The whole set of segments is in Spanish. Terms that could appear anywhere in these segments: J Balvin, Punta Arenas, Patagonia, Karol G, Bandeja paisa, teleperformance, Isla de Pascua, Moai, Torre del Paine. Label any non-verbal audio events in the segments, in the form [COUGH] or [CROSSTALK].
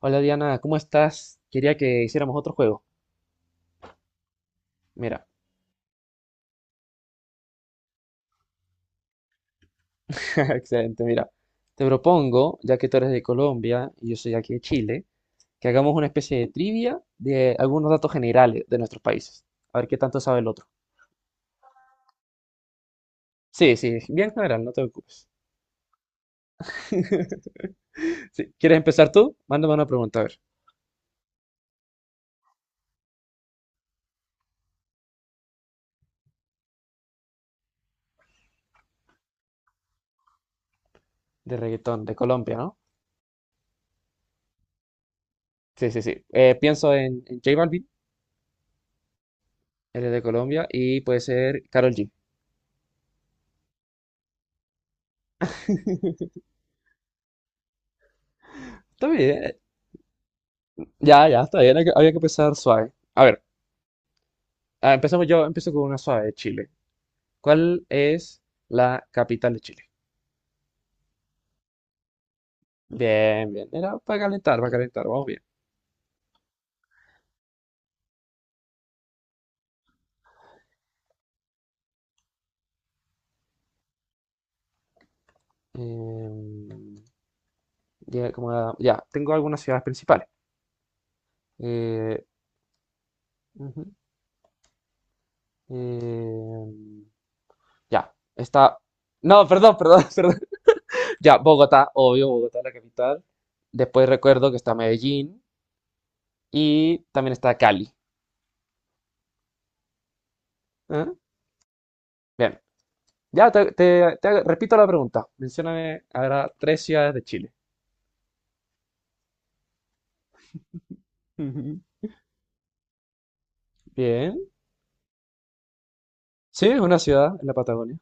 Hola Diana, ¿cómo estás? Quería que hiciéramos otro juego. Mira, [LAUGHS] excelente, mira. Te propongo, ya que tú eres de Colombia y yo soy aquí de Chile, que hagamos una especie de trivia de algunos datos generales de nuestros países. A ver qué tanto sabe el otro. Sí, sí, bien general, no te preocupes. [LAUGHS] Sí, ¿quieres empezar tú? Mándame una pregunta, a ver. De reggaetón, de Colombia, ¿no? Sí, sí, sí. Pienso en J Balvin, él es de Colombia, y puede ser Karol G. [LAUGHS] Está bien. Ya, ya, está bien. Había que empezar suave. A ver. Ah, empezamos yo, empiezo con una suave de Chile. ¿Cuál es la capital de Chile? Bien, bien. Era para calentar, vamos bien. Em, ya, ya, tengo algunas ciudades principales. Eh, ujú, em, ya, está. No, perdón, perdón, [LAUGHS] perdón. Ya, Bogotá, obvio, Bogotá es la capital. Después recuerdo que está Medellín y también está Cali. ¿Ah? Bien, ya repito la pregunta. Mencióname ahora tres ciudades de Chile. [LAUGHS] Bien. Sí, es una ciudad en la Patagonia.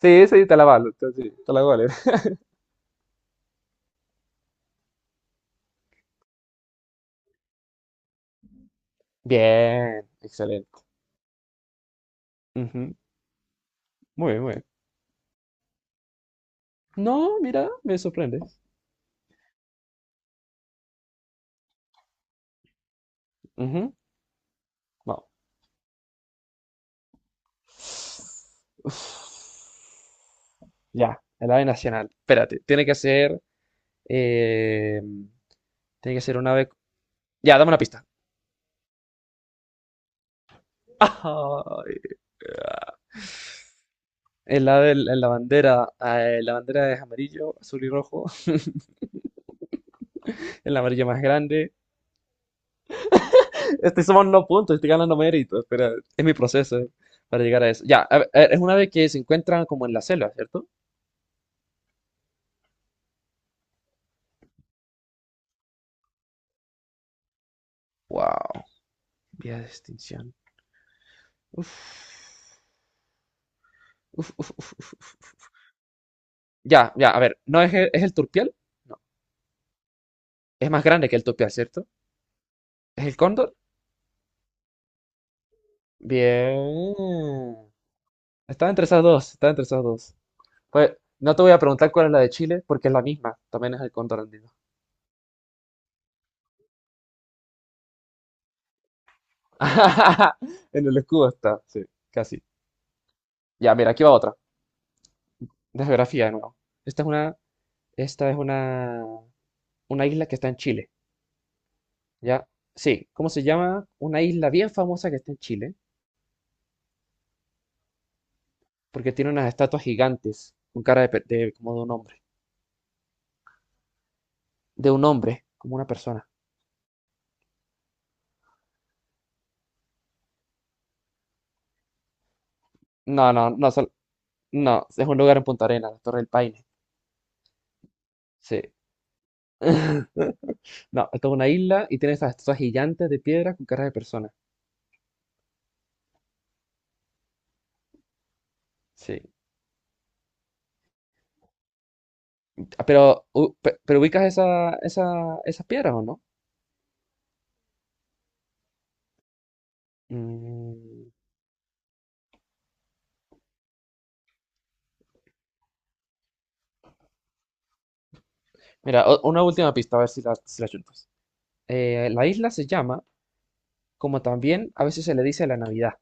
Sí, sí, te la valo. Sí, te la vale. [LAUGHS] Bien, excelente. Ujú. Muy bien, muy bien. No, mira, me sorprende. Ujú. Vamos. Uf. Ya, el ave nacional. Espérate, tiene que ser. eh, tiene que ser un ave. Ya, dame una pista. [LAUGHS] Ay, el ave en la bandera. La bandera es amarillo, azul y rojo. [LAUGHS] El amarillo más grande. Estoy sumando puntos, estoy ganando méritos, pero es mi proceso para llegar a eso. Ya, a ver, es una vez que se encuentran como en la selva, ¿cierto? Wow, vía de extinción. Uf. Uf, uf, uf, uf, uf. Ya, ya, a ver, ¿no es el turpial? No, es más grande que el turpial, ¿cierto? ¿Es el cóndor? Bien. Estaba entre esas dos, estaba entre esas dos. Pues no te voy a preguntar cuál es la de Chile, porque es la misma, también es el cóndor andino. [LAUGHS] En el escudo está, sí, casi. Ya, mira, aquí va otra de geografía de nuevo. Esta es una, esta es una isla que está en Chile, ¿ya? Sí, ¿cómo se llama? Una isla bien famosa que está en Chile, porque tiene unas estatuas gigantes con cara de, como de un hombre, como una persona. No, no, no, no, es un lugar en Punta Arenas, la Torre del Paine. Sí. [LAUGHS] No, esto es una isla y tiene esas estatuas gigantes de piedra con cara de persona. Sí. Ah, pero, pero ubicas esa, esas piedras, ¿o no? Mm, Mira, una última pista, a ver si la, si la chutas. La isla se llama, como también a veces se le dice la Navidad.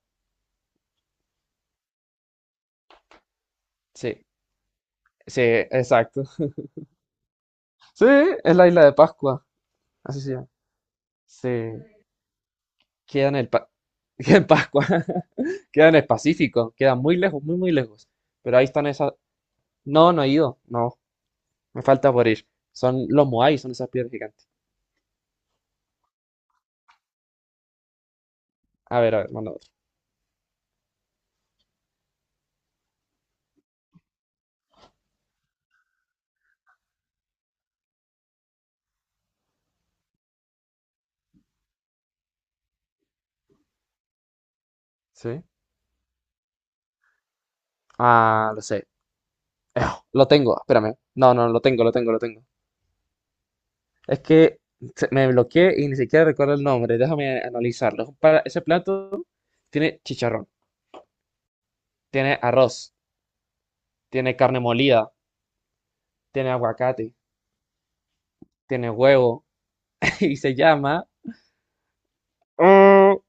Sí, sí, exacto. Sí, es la isla de Pascua, así se llama. Sí, queda en el pa- [LAUGHS] queda en Pascua, [LAUGHS] queda en el Pacífico, queda muy lejos, muy, muy lejos. Pero ahí están esas. No, no he ido, no, me falta por ir. Son los Moai, son esas piedras gigantes. A ver, manda otro. Sí. Ah, lo sé. Ejo, lo tengo, espérame. No, no, lo tengo, lo tengo, lo tengo. Es que me bloqueé y ni siquiera recuerdo el nombre. Déjame analizarlo. Ese plato tiene chicharrón, tiene arroz, tiene carne molida, tiene aguacate, tiene huevo [LAUGHS] y se llama oh,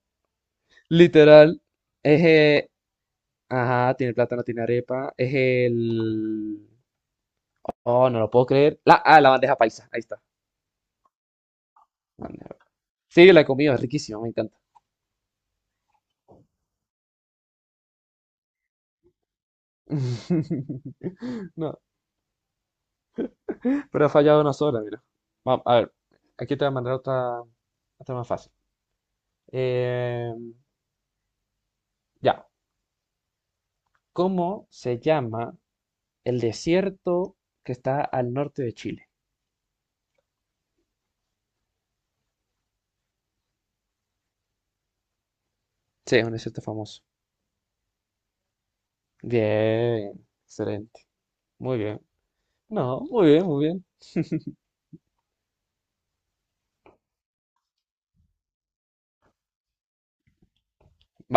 literal. Es, eh, ajá, tiene plátano, tiene arepa. Es el. Oh, no lo puedo creer. La bandeja paisa. Ahí está. Bandeja- Sí, la he comido, es riquísima, me encanta. [LAUGHS] No, pero ha fallado una sola, mira. Vamos, a ver, aquí te voy a mandar otra, más fácil. Eh, ya, ¿cómo se llama el desierto que está al norte de Chile? Sí, es un desierto famoso. Bien, excelente. Muy bien. No, muy bien, muy bien.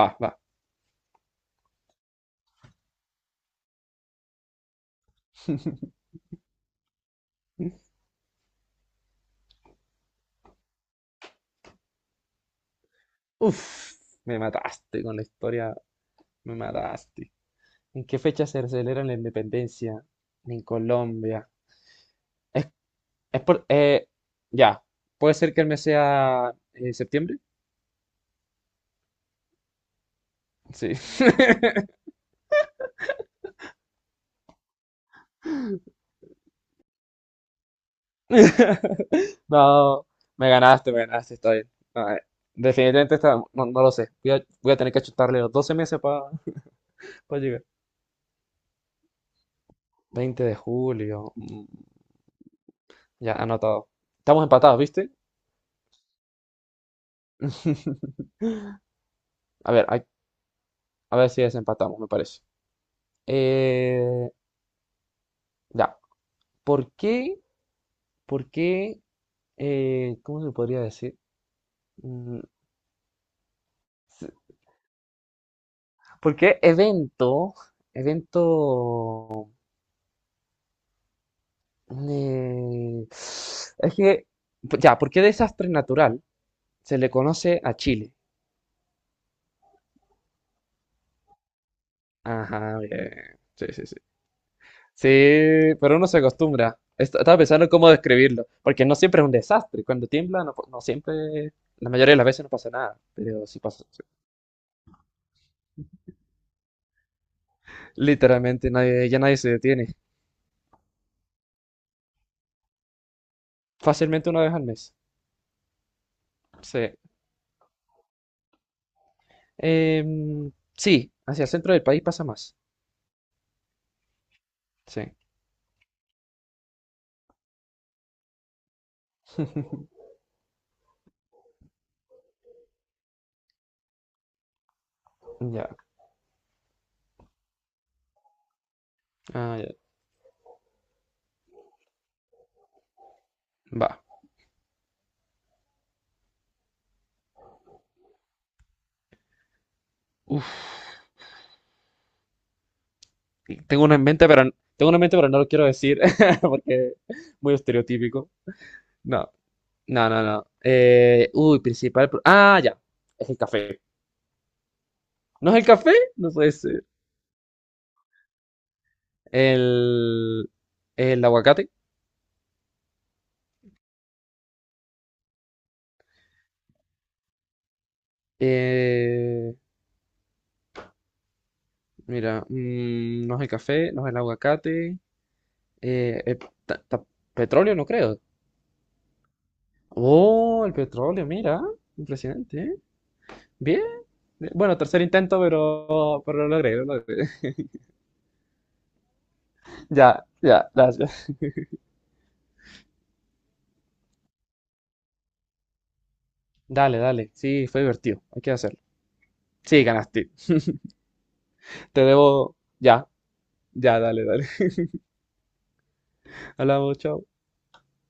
Va, va. [LAUGHS] Uf, me mataste con la historia, me mataste. ¿En qué fecha se celebra la independencia? En Colombia. Es por, eh, ya, puede ser que el mes sea septiembre. Sí. [LAUGHS] No, me ganaste, está bien. No, definitivamente está, no, no lo sé. Voy a tener que chutarle los 12 meses para llegar. 20 de julio. Ya, anotado. Estamos empatados, ¿viste? [LAUGHS] A ver, hay- a ver si desempatamos, me parece. Eh, ya, ¿por qué? ¿Por qué? ¿Cómo se podría decir? Mm, Porque evento, es que, pues, ya, ¿por qué desastre natural se le conoce a Chile? Ajá, bien, sí, sí, sí. Sí, pero uno se acostumbra. Estaba pensando en cómo describirlo, porque no siempre es un desastre. Cuando tiembla, no, no siempre, la mayoría de las veces no pasa nada, pero sí pasa. Literalmente, nadie, ya nadie se detiene. Fácilmente una vez al mes. Sí. Sí, hacia el centro del país pasa más. Sí. Ya. Ah, ya. Va. Uf, tengo una en mente, pero tengo una en mente, pero no lo quiero decir [LAUGHS] porque muy estereotípico. No, no, no, no. Uy, principal. Ah, ya. Es el café. ¿No es el café? No puede ser. El, el aguacate. Eh, mira, no es el café, no es el aguacate. Eh, eh, ta- ta- petróleo, no creo. Oh, el petróleo, mira. Impresionante, ¿eh? Bien. Bueno, tercer intento, pero, lo logré, lo logré. Ya, ya, gracias. Dale, dale. Sí, fue divertido. Hay que hacerlo. Sí, ganaste. Te debo. Ya, ya, dale, dale. [LAUGHS] Hablamos, chao.